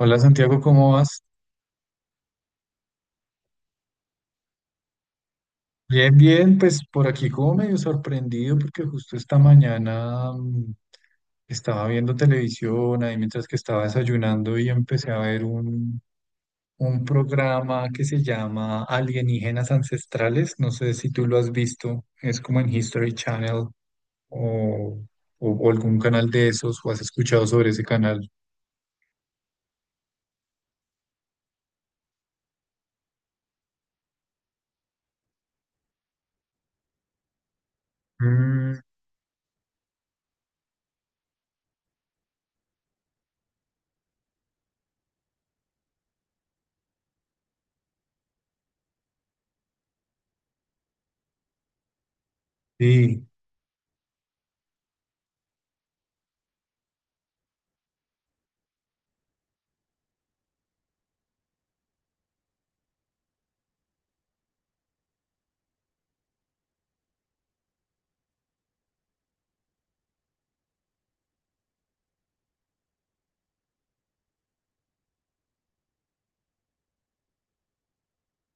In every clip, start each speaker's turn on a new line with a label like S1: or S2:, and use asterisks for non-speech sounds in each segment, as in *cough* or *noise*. S1: Hola Santiago, ¿cómo vas? Bien, pues por aquí como medio sorprendido porque justo esta mañana estaba viendo televisión ahí mientras que estaba desayunando y empecé a ver un programa que se llama Alienígenas Ancestrales. No sé si tú lo has visto, es como en History Channel o, o algún canal de esos o has escuchado sobre ese canal. Mm, sí,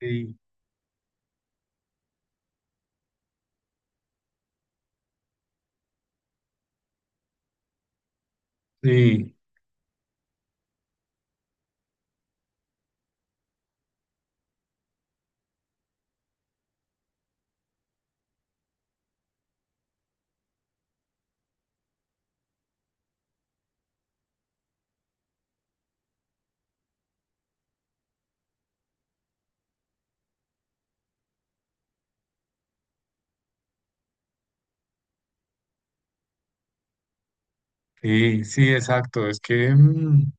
S1: sí, sí, sí, sí, exacto.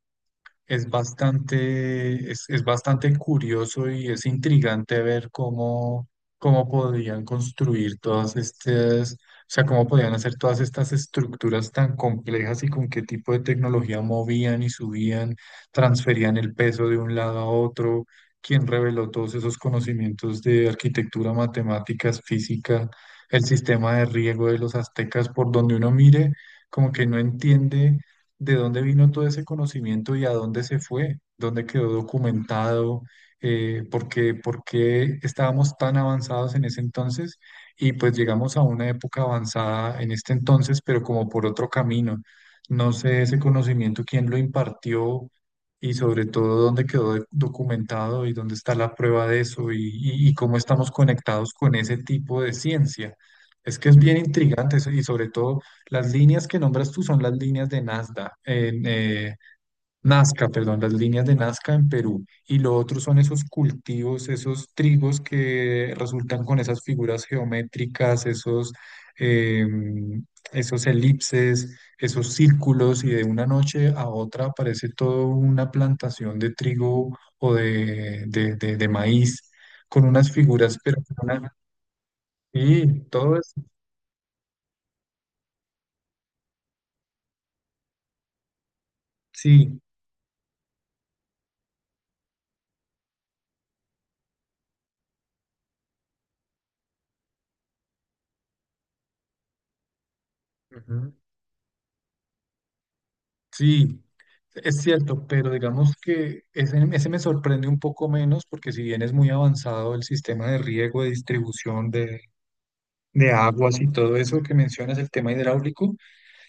S1: Es es bastante curioso y es intrigante ver cómo podían construir todas estas, o sea, cómo podían hacer todas estas estructuras tan complejas y con qué tipo de tecnología movían y subían, transferían el peso de un lado a otro, quién reveló todos esos conocimientos de arquitectura, matemáticas, física, el sistema de riego de los aztecas, por donde uno mire, como que no entiende de dónde vino todo ese conocimiento y a dónde se fue, dónde quedó documentado, por qué estábamos tan avanzados en ese entonces y pues llegamos a una época avanzada en este entonces, pero como por otro camino. No sé ese conocimiento, quién lo impartió y sobre todo dónde quedó documentado y dónde está la prueba de eso , y cómo estamos conectados con ese tipo de ciencia. Es que es bien intrigante eso, y sobre todo las líneas que nombras tú son las líneas de Nazca, perdón, las líneas de Nazca en Perú. Y lo otro son esos cultivos, esos trigos que resultan con esas figuras geométricas, em, esos elipses, esos círculos, y de una noche a otra aparece toda una plantación de trigo o de maíz con unas figuras, pero con sí, todo es, sí. Sí, es cierto, pero digamos que ese me sorprende un poco menos porque si bien es muy avanzado el sistema de riego, de distribución de aguas y todo eso que mencionas, el tema hidráulico,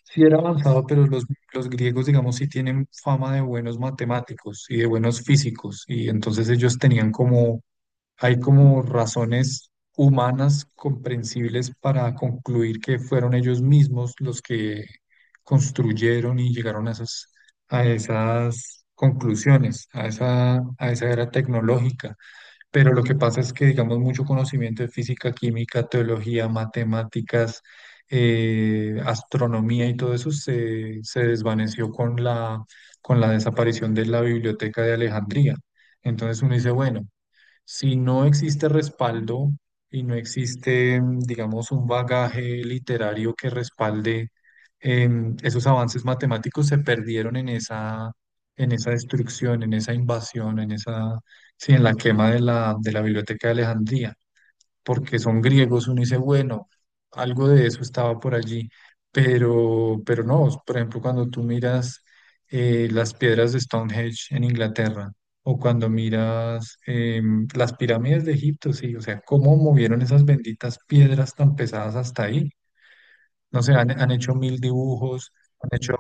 S1: sí era avanzado, pero los griegos, digamos, sí tienen fama de buenos matemáticos y de buenos físicos, y entonces ellos tenían como hay como razones humanas comprensibles para concluir que fueron ellos mismos los que construyeron y llegaron a a esas conclusiones, a a esa era tecnológica. Pero lo que pasa es que, digamos, mucho conocimiento de física, química, teología, matemáticas, astronomía y todo eso se desvaneció con con la desaparición de la Biblioteca de Alejandría. Entonces uno dice, bueno. Si no existe respaldo y no existe, digamos, un bagaje literario que respalde em, esos avances matemáticos, se perdieron en en esa destrucción, en esa invasión, sí, en la quema de de la Biblioteca de Alejandría porque son griegos, uno dice, bueno, algo de eso estaba por allí, pero no, por ejemplo, cuando tú miras las piedras de Stonehenge en Inglaterra, o cuando miras em, las pirámides de Egipto, sí, o sea, cómo movieron esas benditas piedras tan pesadas hasta ahí. No sé, han hecho mil dibujos, han hecho,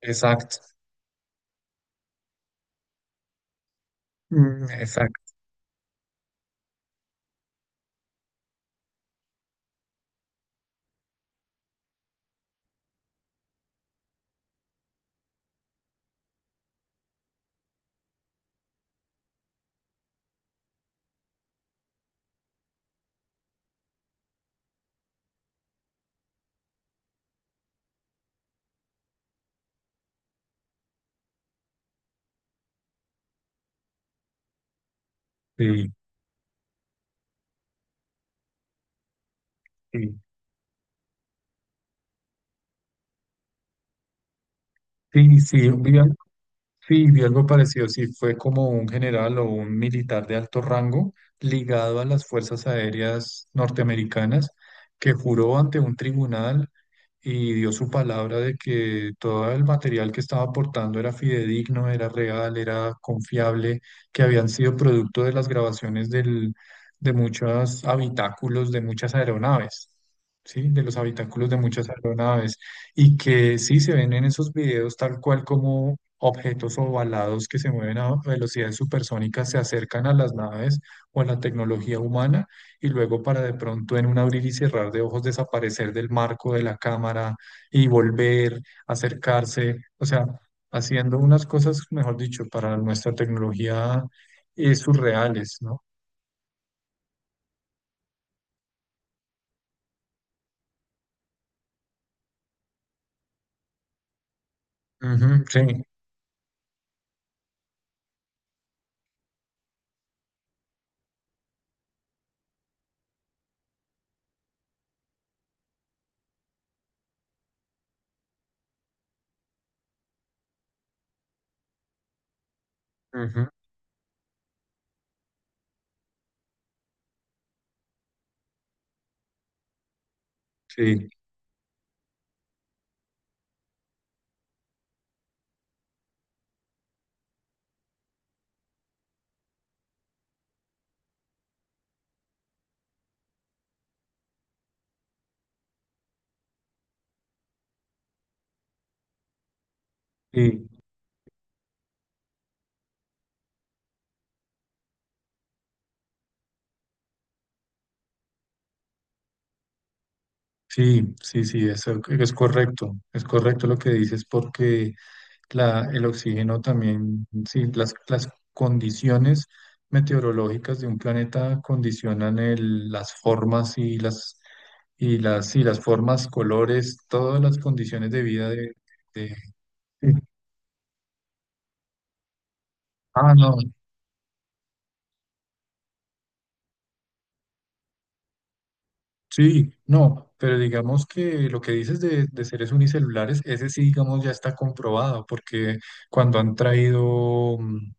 S1: exacto, mm, exacto, sí, sí, sí, sí, sí, vi algo parecido, sí, fue como un general o un militar de alto rango ligado a las Fuerzas Aéreas norteamericanas que juró ante un tribunal y dio su palabra de que todo el material que estaba aportando era fidedigno, era real, era confiable, que habían sido producto de las grabaciones de muchos habitáculos de muchas aeronaves, ¿sí? De los habitáculos de muchas aeronaves y que sí se ven en esos videos tal cual como objetos ovalados que se mueven a velocidades supersónicas se acercan a las naves o a la tecnología humana y luego para de pronto en un abrir y cerrar de ojos desaparecer del marco de la cámara y volver, acercarse, o sea, haciendo unas cosas, mejor dicho, para nuestra tecnología surreales, ¿no? Ujú, sí, ujú, sí. Sí. Sí, sí, sí, eso es correcto lo que dices porque el oxígeno también, sí, las condiciones meteorológicas de un planeta condicionan las formas y sí las formas, colores, todas las condiciones de vida de- sí. Ah, no, sí, no, pero digamos que lo que dices de seres unicelulares, ese sí, digamos, ya está comprobado porque cuando han traído...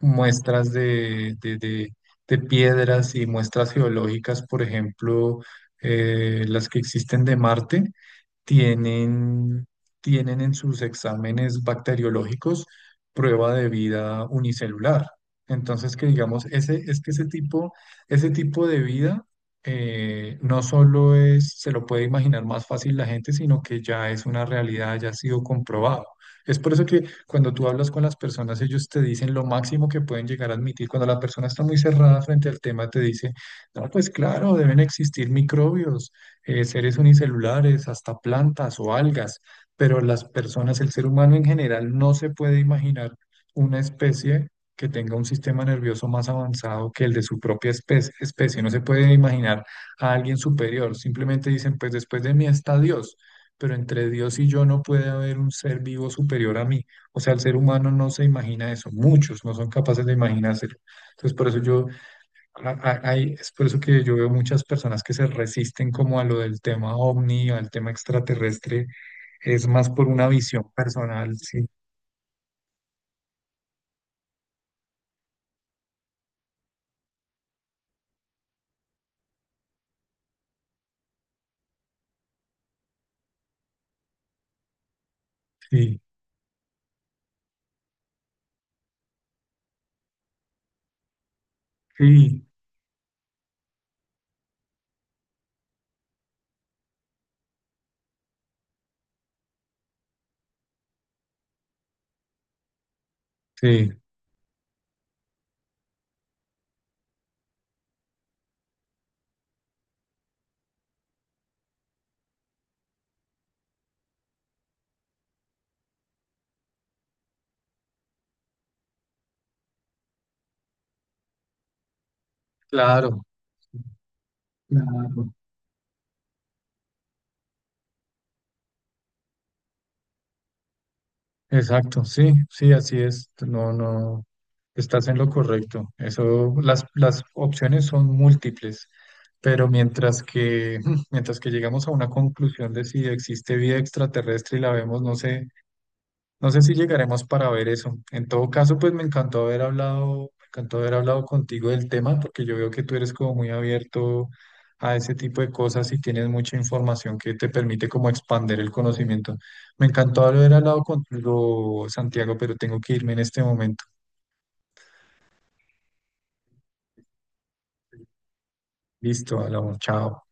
S1: muestras de piedras y muestras geológicas, por ejemplo, las que existen de Marte, tienen, tienen en sus exámenes bacteriológicos prueba de vida unicelular. Entonces, que digamos, ese, es que ese tipo de vida no solo se lo puede imaginar más fácil la gente, sino que ya es una realidad, ya ha sido comprobado. Es por eso que cuando tú hablas con las personas, ellos te dicen lo máximo que pueden llegar a admitir. Cuando la persona está muy cerrada frente al tema, te dice, no, pues claro, deben existir microbios seres unicelulares, hasta plantas o algas, pero las personas, el ser humano en general, no se puede imaginar una especie que tenga un sistema nervioso más avanzado que el de su propia especie. No se puede imaginar a alguien superior. Simplemente dicen, pues después de mí está Dios, pero entre Dios y yo no puede haber un ser vivo superior a mí. O sea, el ser humano no se imagina eso. Muchos no son capaces de imaginárselo. Entonces, por eso yo a- Hay, es por eso que yo veo muchas personas que se resisten como a lo del tema ovni, al tema extraterrestre, es más por una visión personal, sí, sí, sí, sí, claro, claro. Exacto, sí, sí, así es, no, no, estás en lo correcto, eso, las opciones son múltiples, pero mientras que, *clears throat* *laughs* mientras que llegamos a una conclusión de si existe vida extraterrestre y la vemos, no sé, no sé si llegaremos para ver eso. En todo caso, pues me encantó haber hablado, me encantó haber hablado contigo del tema, porque yo veo que tú eres como muy abierto a ese tipo de cosas y tienes mucha información que te permite como expander el conocimiento. Me encantó haber hablado contigo, Santiago, pero tengo que irme en este momento. Listo, hablamos, chao.